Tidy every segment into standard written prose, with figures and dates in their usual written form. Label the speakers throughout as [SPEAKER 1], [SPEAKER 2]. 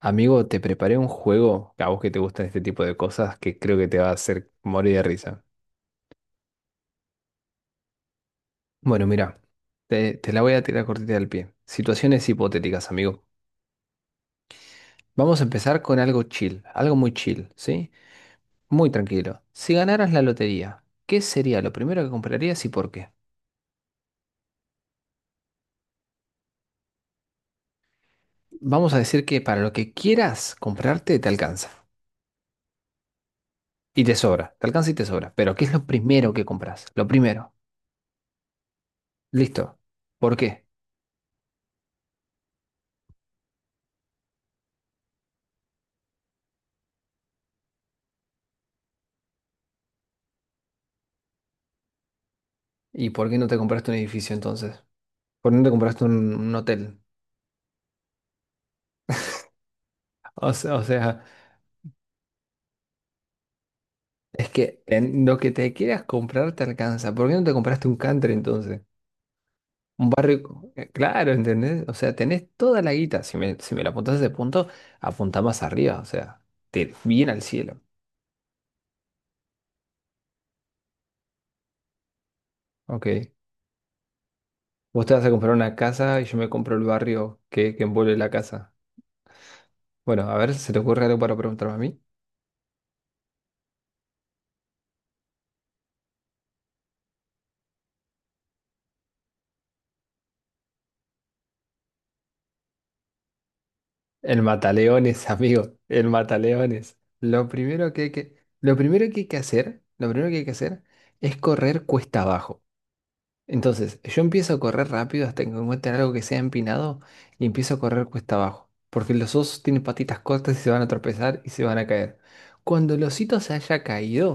[SPEAKER 1] Amigo, te preparé un juego a vos que te gustan este tipo de cosas que creo que te va a hacer morir de risa. Bueno, mira, te la voy a tirar cortita del pie. Situaciones hipotéticas, amigo. Vamos a empezar con algo chill, algo muy chill, ¿sí? Muy tranquilo. Si ganaras la lotería, ¿qué sería lo primero que comprarías y por qué? Vamos a decir que para lo que quieras comprarte te alcanza. Y te sobra, te alcanza y te sobra. Pero ¿qué es lo primero que compras? Lo primero. Listo. ¿Por qué? ¿Y por qué no te compraste un edificio entonces? ¿Por dónde compraste un hotel? O sea, es que en lo que te quieras comprar te alcanza. ¿Por qué no te compraste un country entonces? Un barrio, claro, ¿entendés? O sea, tenés toda la guita. Si me la apuntás a ese punto, apuntá más arriba, o sea, te, bien al cielo. Ok. Vos te vas a comprar una casa y yo me compro el barrio que envuelve la casa. Bueno, a ver, ¿se te ocurre algo para preguntarme a mí? El mataleones, amigo, el mataleones. Lo primero que hay que, lo primero que hay que hacer, lo primero que hay que hacer es correr cuesta abajo. Entonces, yo empiezo a correr rápido hasta que encuentre algo que sea empinado y empiezo a correr cuesta abajo. Porque los osos tienen patitas cortas y se van a tropezar y se van a caer. Cuando el osito se haya caído,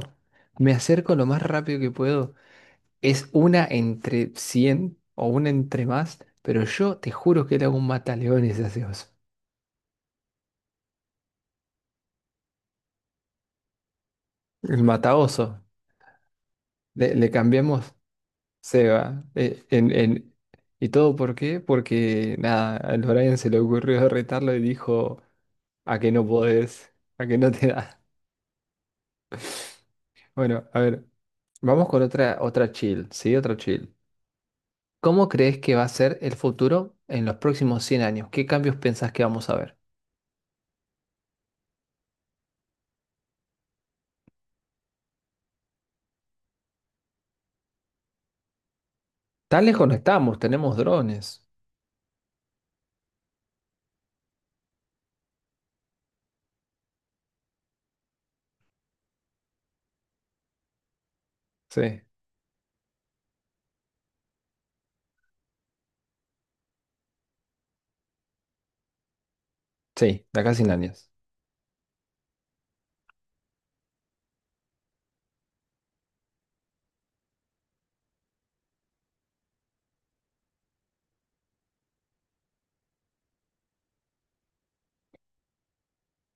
[SPEAKER 1] me acerco lo más rápido que puedo. Es una entre 100 o una entre más, pero yo te juro que le hago un mataleones a ese oso. El mataoso, le cambiamos Seba. ¿Y todo por qué? Porque nada, al Brian se le ocurrió retarlo y dijo, a que no podés, a que no te da. Bueno, a ver, vamos con otra chill, ¿sí? Otra chill. ¿Cómo crees que va a ser el futuro en los próximos 100 años? ¿Qué cambios pensás que vamos a ver? Tan lejos no estamos, tenemos drones. Sí, sí, de acá a 100 años.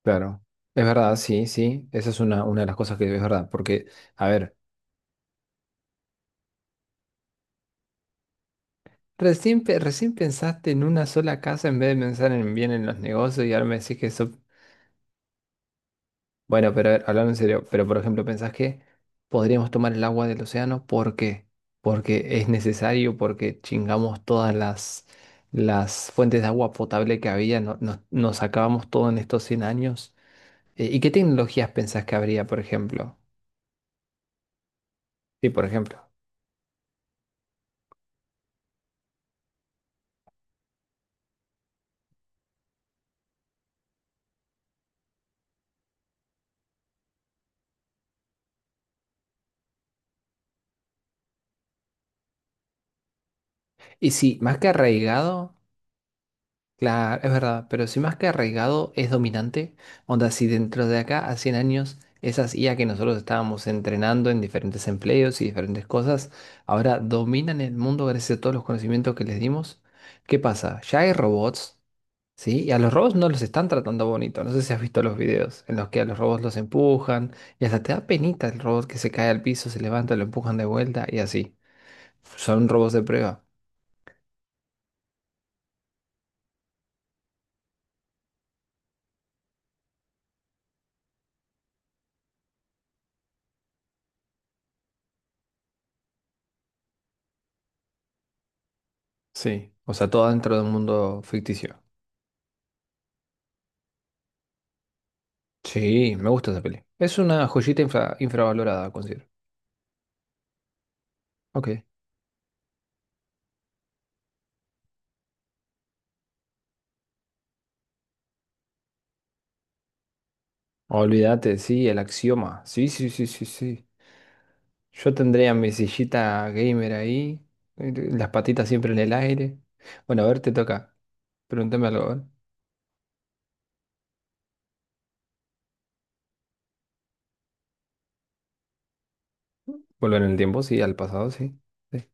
[SPEAKER 1] Claro. Es verdad, sí, sí. Esa es una de las cosas que es verdad. Porque, a ver. Recién, recién pensaste en una sola casa en vez de pensar en bien en los negocios y ahora me decís que eso... Bueno, pero a ver, hablando en serio, pero por ejemplo, ¿pensás que podríamos tomar el agua del océano? ¿Por qué? Porque es necesario, porque chingamos todas las fuentes de agua potable que había, nos acabamos todo en estos 100 años. ¿Y qué tecnologías pensás que habría, por ejemplo? Sí, por ejemplo. Y sí, más que arraigado. Claro, es verdad, pero si más que arraigado es dominante, onda, si dentro de acá a 100 años esas IA que nosotros estábamos entrenando en diferentes empleos y diferentes cosas, ahora dominan el mundo gracias a todos los conocimientos que les dimos, ¿qué pasa? Ya hay robots, ¿sí? Y a los robots no los están tratando bonito, no sé si has visto los videos en los que a los robots los empujan y hasta te da penita el robot que se cae al piso, se levanta, lo empujan de vuelta y así. Son robots de prueba, sí, o sea, todo dentro de un mundo ficticio. Sí, me gusta esa peli. Es una joyita infravalorada, considero. Ok. Olvídate, sí, el axioma. Sí, sí, sí, sí, sí. Yo tendría mi sillita gamer ahí, las patitas siempre en el aire. Bueno, a ver, te toca. Pregúntame algo, a ver. Volver en el tiempo, sí, al pasado, sí. Sí.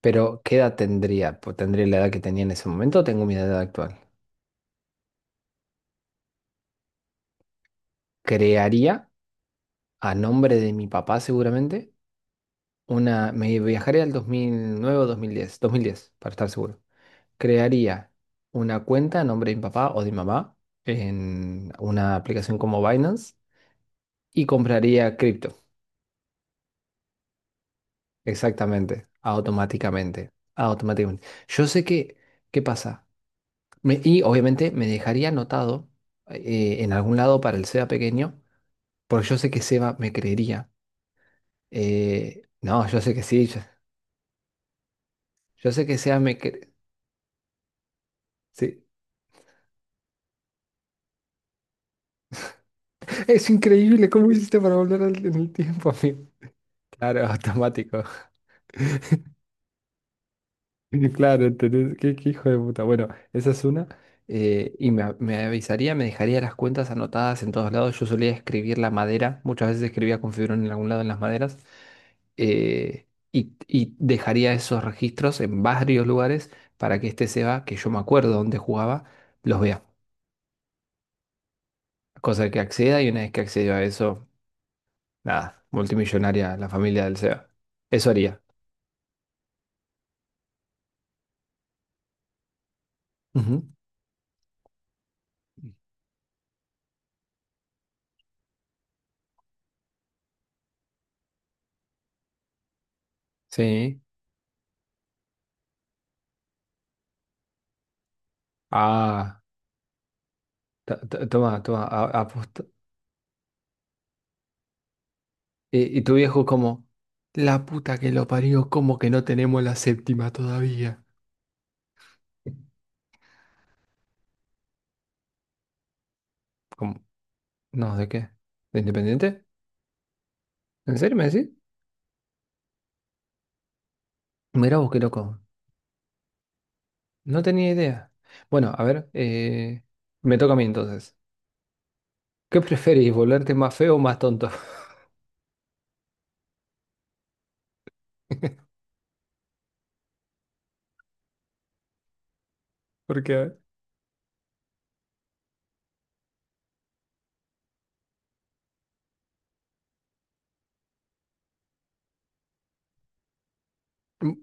[SPEAKER 1] Pero, ¿qué edad tendría? Pues, ¿tendría la edad que tenía en ese momento o tengo mi edad actual? Crearía, a nombre de mi papá seguramente, una... Me viajaría al 2009 o dos mil diez. Dos mil diez, para estar seguro. Crearía una cuenta a nombre de mi papá o de mi mamá en una aplicación como Binance y compraría cripto. Exactamente, automáticamente, automáticamente. Yo sé que, ¿qué pasa? Y obviamente me dejaría anotado en algún lado para el Seba pequeño, porque yo sé que Seba me creería. No, yo sé que sí, yo sé que Seba me cree. Sí. Es increíble cómo hiciste para volver en el tiempo, amigo. Claro, automático. Claro, entonces, qué hijo de puta. Bueno, esa es una. Y me avisaría, me dejaría las cuentas anotadas en todos lados. Yo solía escribir la madera, muchas veces escribía con fibrón en algún lado en las maderas. Y dejaría esos registros en varios lugares para que este Seba, que yo me acuerdo dónde jugaba, los vea. Cosa que acceda y una vez que acceda a eso, nada, multimillonaria la familia del Seba. Eso haría. Ujú. Sí. Ah, toma, toma, Y, y tu viejo como, la puta que lo parió, ¿cómo que no tenemos la séptima todavía? Como, no, ¿de qué? ¿De Independiente? ¿En serio me decís? Mirá vos qué loco. No tenía idea. Bueno, a ver, me toca a mí entonces. ¿Qué preferís, volverte más feo o más tonto? Porque, a ver, m-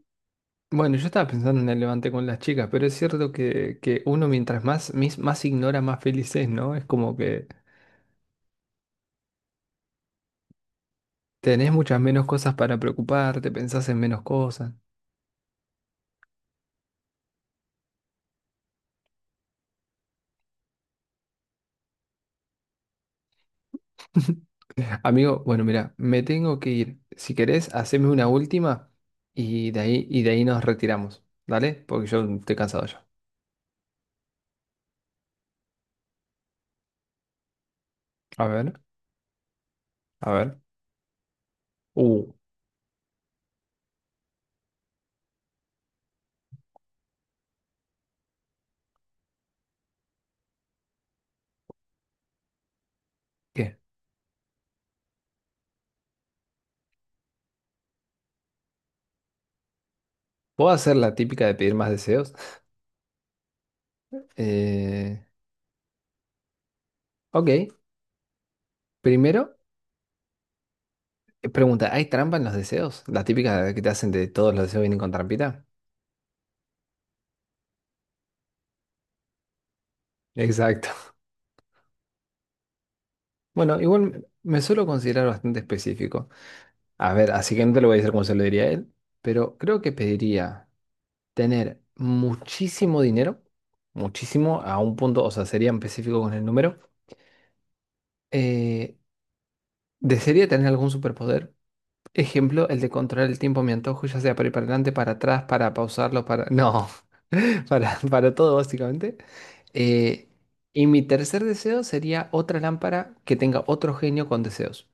[SPEAKER 1] bueno, yo estaba pensando en el levante con las chicas, pero es cierto que uno mientras más, más ignora, más feliz es, ¿no? Es como que tenés muchas menos cosas para preocuparte, pensás en menos cosas. Amigo, bueno, mira, me tengo que ir. Si querés, haceme una última y de ahí nos retiramos. ¿Dale? Porque yo estoy cansado ya. A ver, a ver. Uh, ¿Qué? ¿Puedo hacer la típica de pedir más deseos? Eh, ok. Primero, pregunta, ¿hay trampa en los deseos? La típica de que te hacen de todos los deseos vienen con trampita. Exacto. Bueno, igual me suelo considerar bastante específico. A ver, así que no te lo voy a decir como se lo diría a él, pero creo que pediría. Tener muchísimo dinero, muchísimo a un punto, o sea, sería específico con el número. Eh, Desearía tener algún superpoder. Ejemplo, el de controlar el tiempo a mi antojo, ya sea para ir para adelante, para atrás, para pausarlo, para... No, para todo básicamente. Eh, y mi tercer deseo sería otra lámpara que tenga otro genio con deseos.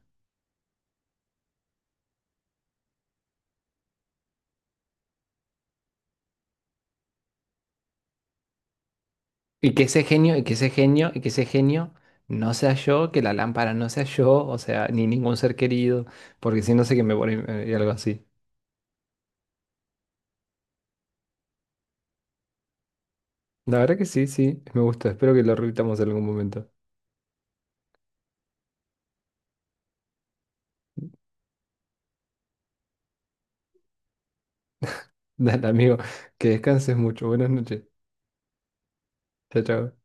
[SPEAKER 1] Y que ese genio no sea yo, que la lámpara no sea yo, o sea, ni ningún ser querido, porque si no sé que me voy a morir, y algo así. La verdad que sí, sí, me gusta. Espero que lo repitamos en algún momento. Dale, amigo, que descanses mucho. Buenas noches. Chao, chao.